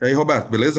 E aí, Roberto, beleza?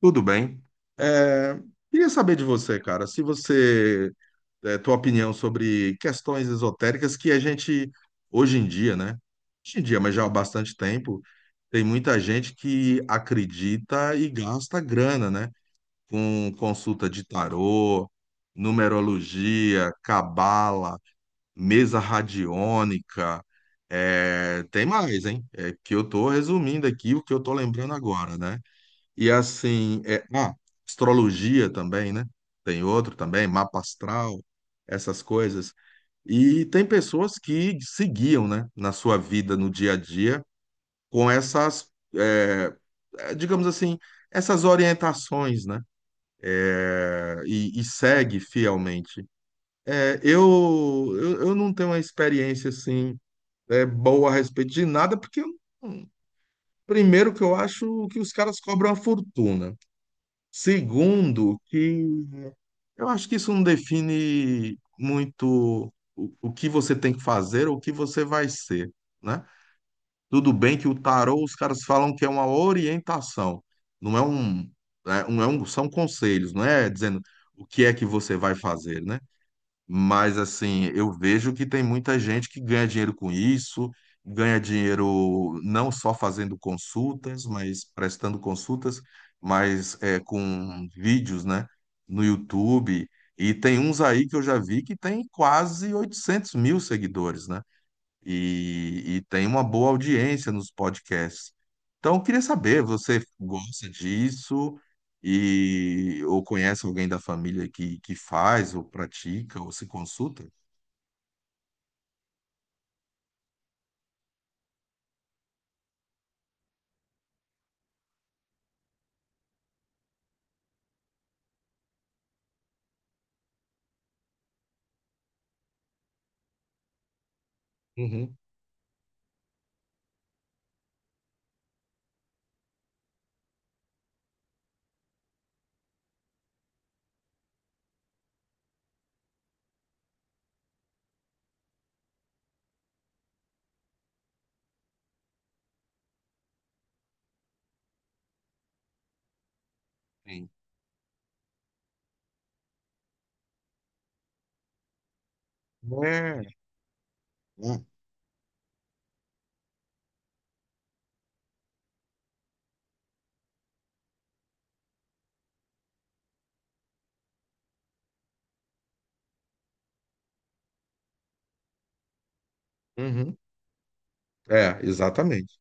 Tudo bem? É, queria saber de você, cara, se você, é, tua opinião sobre questões esotéricas que a gente, hoje em dia, né? Hoje em dia, mas já há bastante tempo, tem muita gente que acredita e gasta grana, né? Com consulta de tarô, numerologia, cabala, mesa radiônica, tem mais, hein? É que eu tô resumindo aqui o que eu tô lembrando agora, né? E assim, astrologia também, né? Tem outro também, mapa astral, essas coisas. E tem pessoas que seguiam, né, na sua vida, no dia a dia, com essas, é, digamos assim, essas orientações, né? E segue fielmente. Eu não tenho uma experiência assim boa a respeito de nada, porque hum, primeiro que eu acho que os caras cobram uma fortuna. Segundo, que eu acho que isso não define muito o que você tem que fazer ou o que você vai ser, né? Tudo bem que o tarô, os caras falam que é uma orientação, não é um, são conselhos, não é dizendo o que é que você vai fazer, né? Mas assim, eu vejo que tem muita gente que ganha dinheiro com isso, ganha dinheiro não só fazendo consultas, mas prestando consultas, mas com vídeos, né, no YouTube. E tem uns aí que eu já vi que tem quase 800.000 seguidores, né? E tem uma boa audiência nos podcasts. Então, eu queria saber, você gosta disso e ou conhece alguém da família que, faz ou pratica ou se consulta? Uhum. Sim. É. Hum. Uhum. É, exatamente.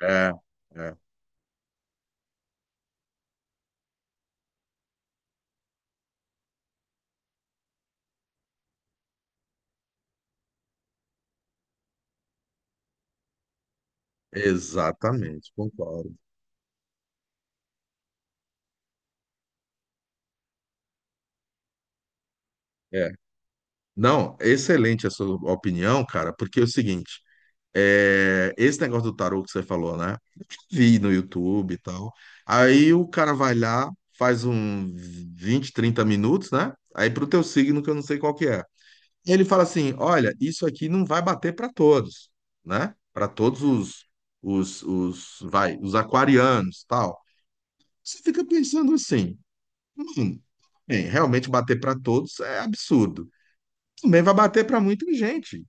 É, é, exatamente, concordo. É. Não, excelente a sua opinião, cara, porque é o seguinte. Esse negócio do tarô que você falou, né? Vi no YouTube e tal. Aí o cara vai lá, faz um 20, 30 minutos, né? Aí pro teu signo, que eu não sei qual que é. Ele fala assim: olha, isso aqui não vai bater para todos, né? Para todos os aquarianos, tal. Você fica pensando assim, bem, realmente bater para todos é absurdo, também vai bater para muita gente.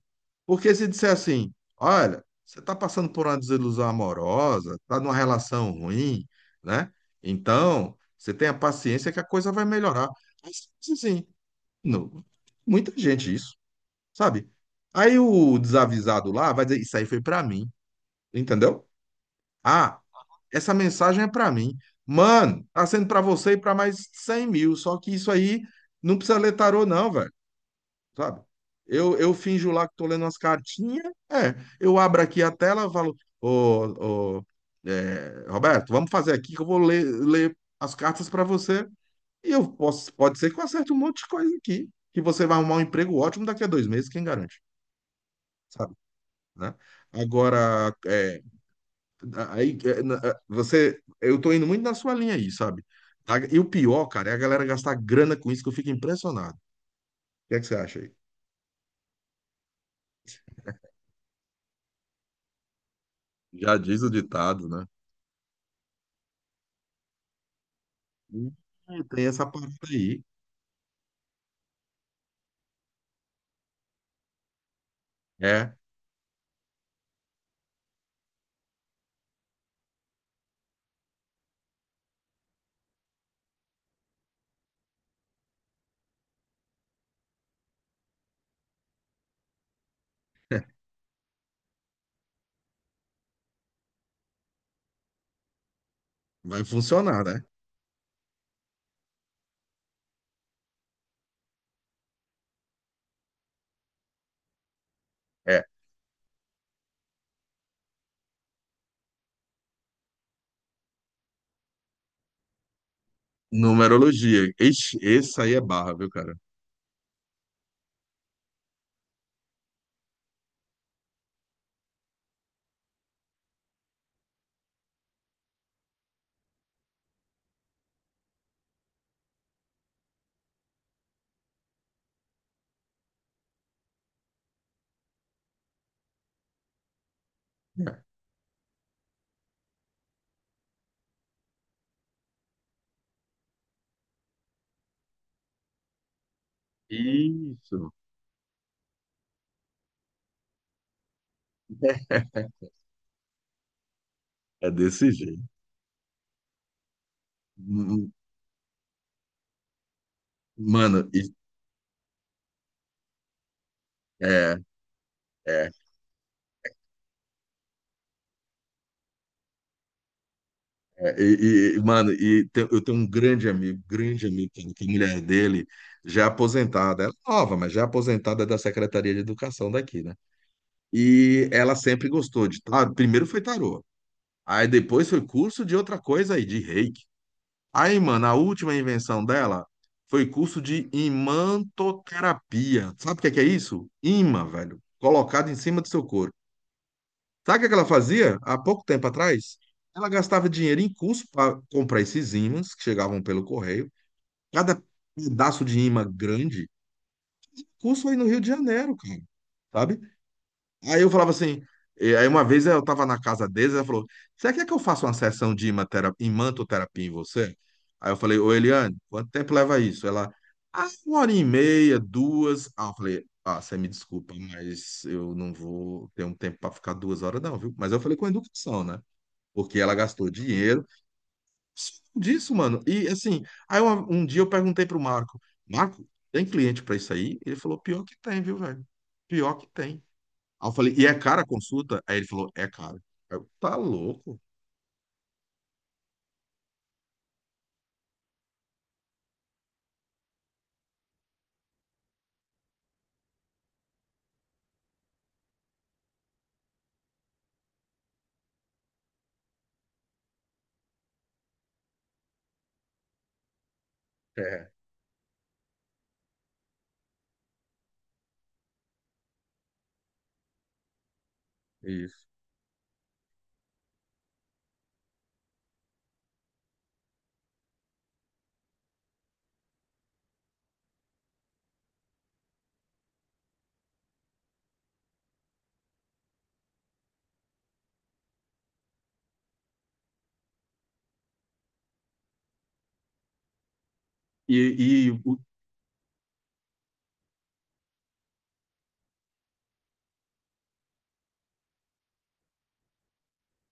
Porque se disser assim, olha, você está passando por uma desilusão amorosa, está numa relação ruim, né? Então, você tenha paciência que a coisa vai melhorar. Mas, assim, não, muita gente isso, sabe? Aí o desavisado lá vai dizer, isso aí foi para mim, entendeu? Ah, essa mensagem é para mim. Mano, tá sendo para você e para mais 100.000, só que isso aí não precisa ler tarô não, velho, sabe? Eu finjo lá que tô lendo umas cartinhas, é, eu abro aqui a tela, falo, ô, ô, Roberto, vamos fazer aqui que eu vou ler, as cartas para você, e eu posso, pode ser que eu acerte um monte de coisa aqui, que você vai arrumar um emprego ótimo daqui a 2 meses, quem garante, sabe? Né? Agora, é, aí, é, na- é, você, eu tô indo muito na sua linha aí, sabe? E o pior, cara, é a galera gastar grana com isso que eu fico impressionado. O que é que você acha aí? Já diz o ditado, né? Hum, Tem essa parte aí. É, vai funcionar, né? É. Numerologia. Ixi, esse aí é barra, viu, cara? É. Isso. É desse jeito. Hum, Mano, e, é, é, é, e- mano, e te- eu tenho um grande amigo, cara, que a mulher dele já é aposentada, ela é nova, mas já é aposentada da Secretaria de Educação daqui, né? E ela sempre gostou de tarô. Primeiro foi tarô, aí depois foi curso de outra coisa aí, de reiki. Aí, mano, a última invenção dela foi curso de imantoterapia. Sabe o que é isso? Imã, velho, colocado em cima do seu corpo. Sabe o que é que ela fazia há pouco tempo atrás? Ela gastava dinheiro em curso para comprar esses ímãs que chegavam pelo correio. Cada pedaço de imã grande, curso aí no Rio de Janeiro, cara, sabe? Aí eu falava assim, e aí uma vez eu tava na casa deles, ela falou, você quer que eu faça uma sessão de imantoterapia em você? Aí eu falei, ô Eliane, quanto tempo leva isso? Ela, ah, 1 hora e meia, duas. Ah, eu falei, ah, você me desculpa, mas eu não vou ter um tempo para ficar 2 horas não, viu? Mas eu falei com educação, né? Porque ela gastou dinheiro. Disso, mano. E assim, dia eu perguntei pro Marco, Marco, tem cliente para isso aí? Ele falou, pior que tem, viu, velho? Pior que tem. Aí eu falei, e é cara a consulta? Aí ele falou, é caro. Aí eu, tá louco? É, isso. E, e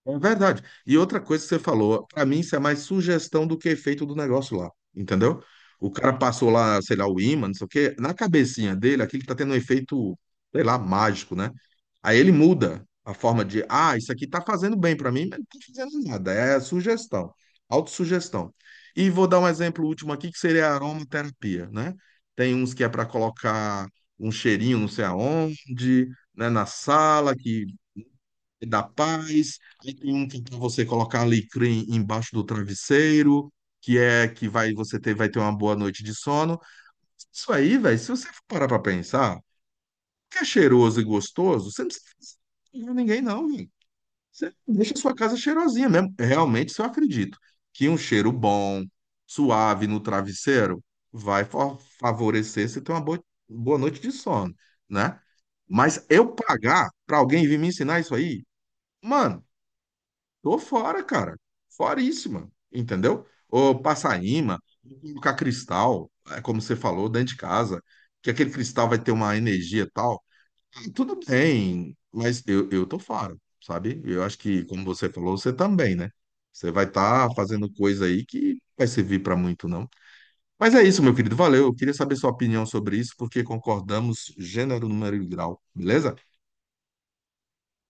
É verdade. E outra coisa que você falou, para mim isso é mais sugestão do que efeito do negócio lá, entendeu? O cara passou lá, sei lá, o ímã, não sei o quê, na cabecinha dele, aquilo tá tendo um efeito, sei lá, mágico, né? Aí ele muda a forma de, ah, isso aqui tá fazendo bem para mim, mas não tá fazendo nada, é sugestão, autossugestão. E vou dar um exemplo último aqui, que seria a aromaterapia, né? Tem uns que é para colocar um cheirinho não sei aonde, né, na sala, que e da paz, aí tem um que é pra você colocar alecrim embaixo do travesseiro, que é que vai você ter, vai ter uma boa noite de sono. Isso aí, velho, se você for parar pra pensar, que é cheiroso e gostoso, você não precisa enganar ninguém, não, velho. Você deixa a sua casa cheirosinha mesmo. Realmente, isso eu acredito. Que um cheiro bom, suave no travesseiro vai favorecer você ter uma boa, boa noite de sono, né? Mas eu pagar pra alguém vir me ensinar isso aí, mano. Tô fora, cara. Foríssima, entendeu? Ou Passaíma, colocar cristal, é como você falou, dentro de casa, que aquele cristal vai ter uma energia e tal. Tudo bem, mas eu tô fora, sabe? Eu acho que, como você falou, você também, né? Você vai estar fazendo coisa aí que vai servir pra muito, não. Mas é isso, meu querido. Valeu. Eu queria saber sua opinião sobre isso, porque concordamos gênero, número e grau, beleza?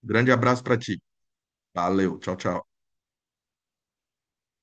Grande abraço pra ti. Valeu. Tchau, tchau.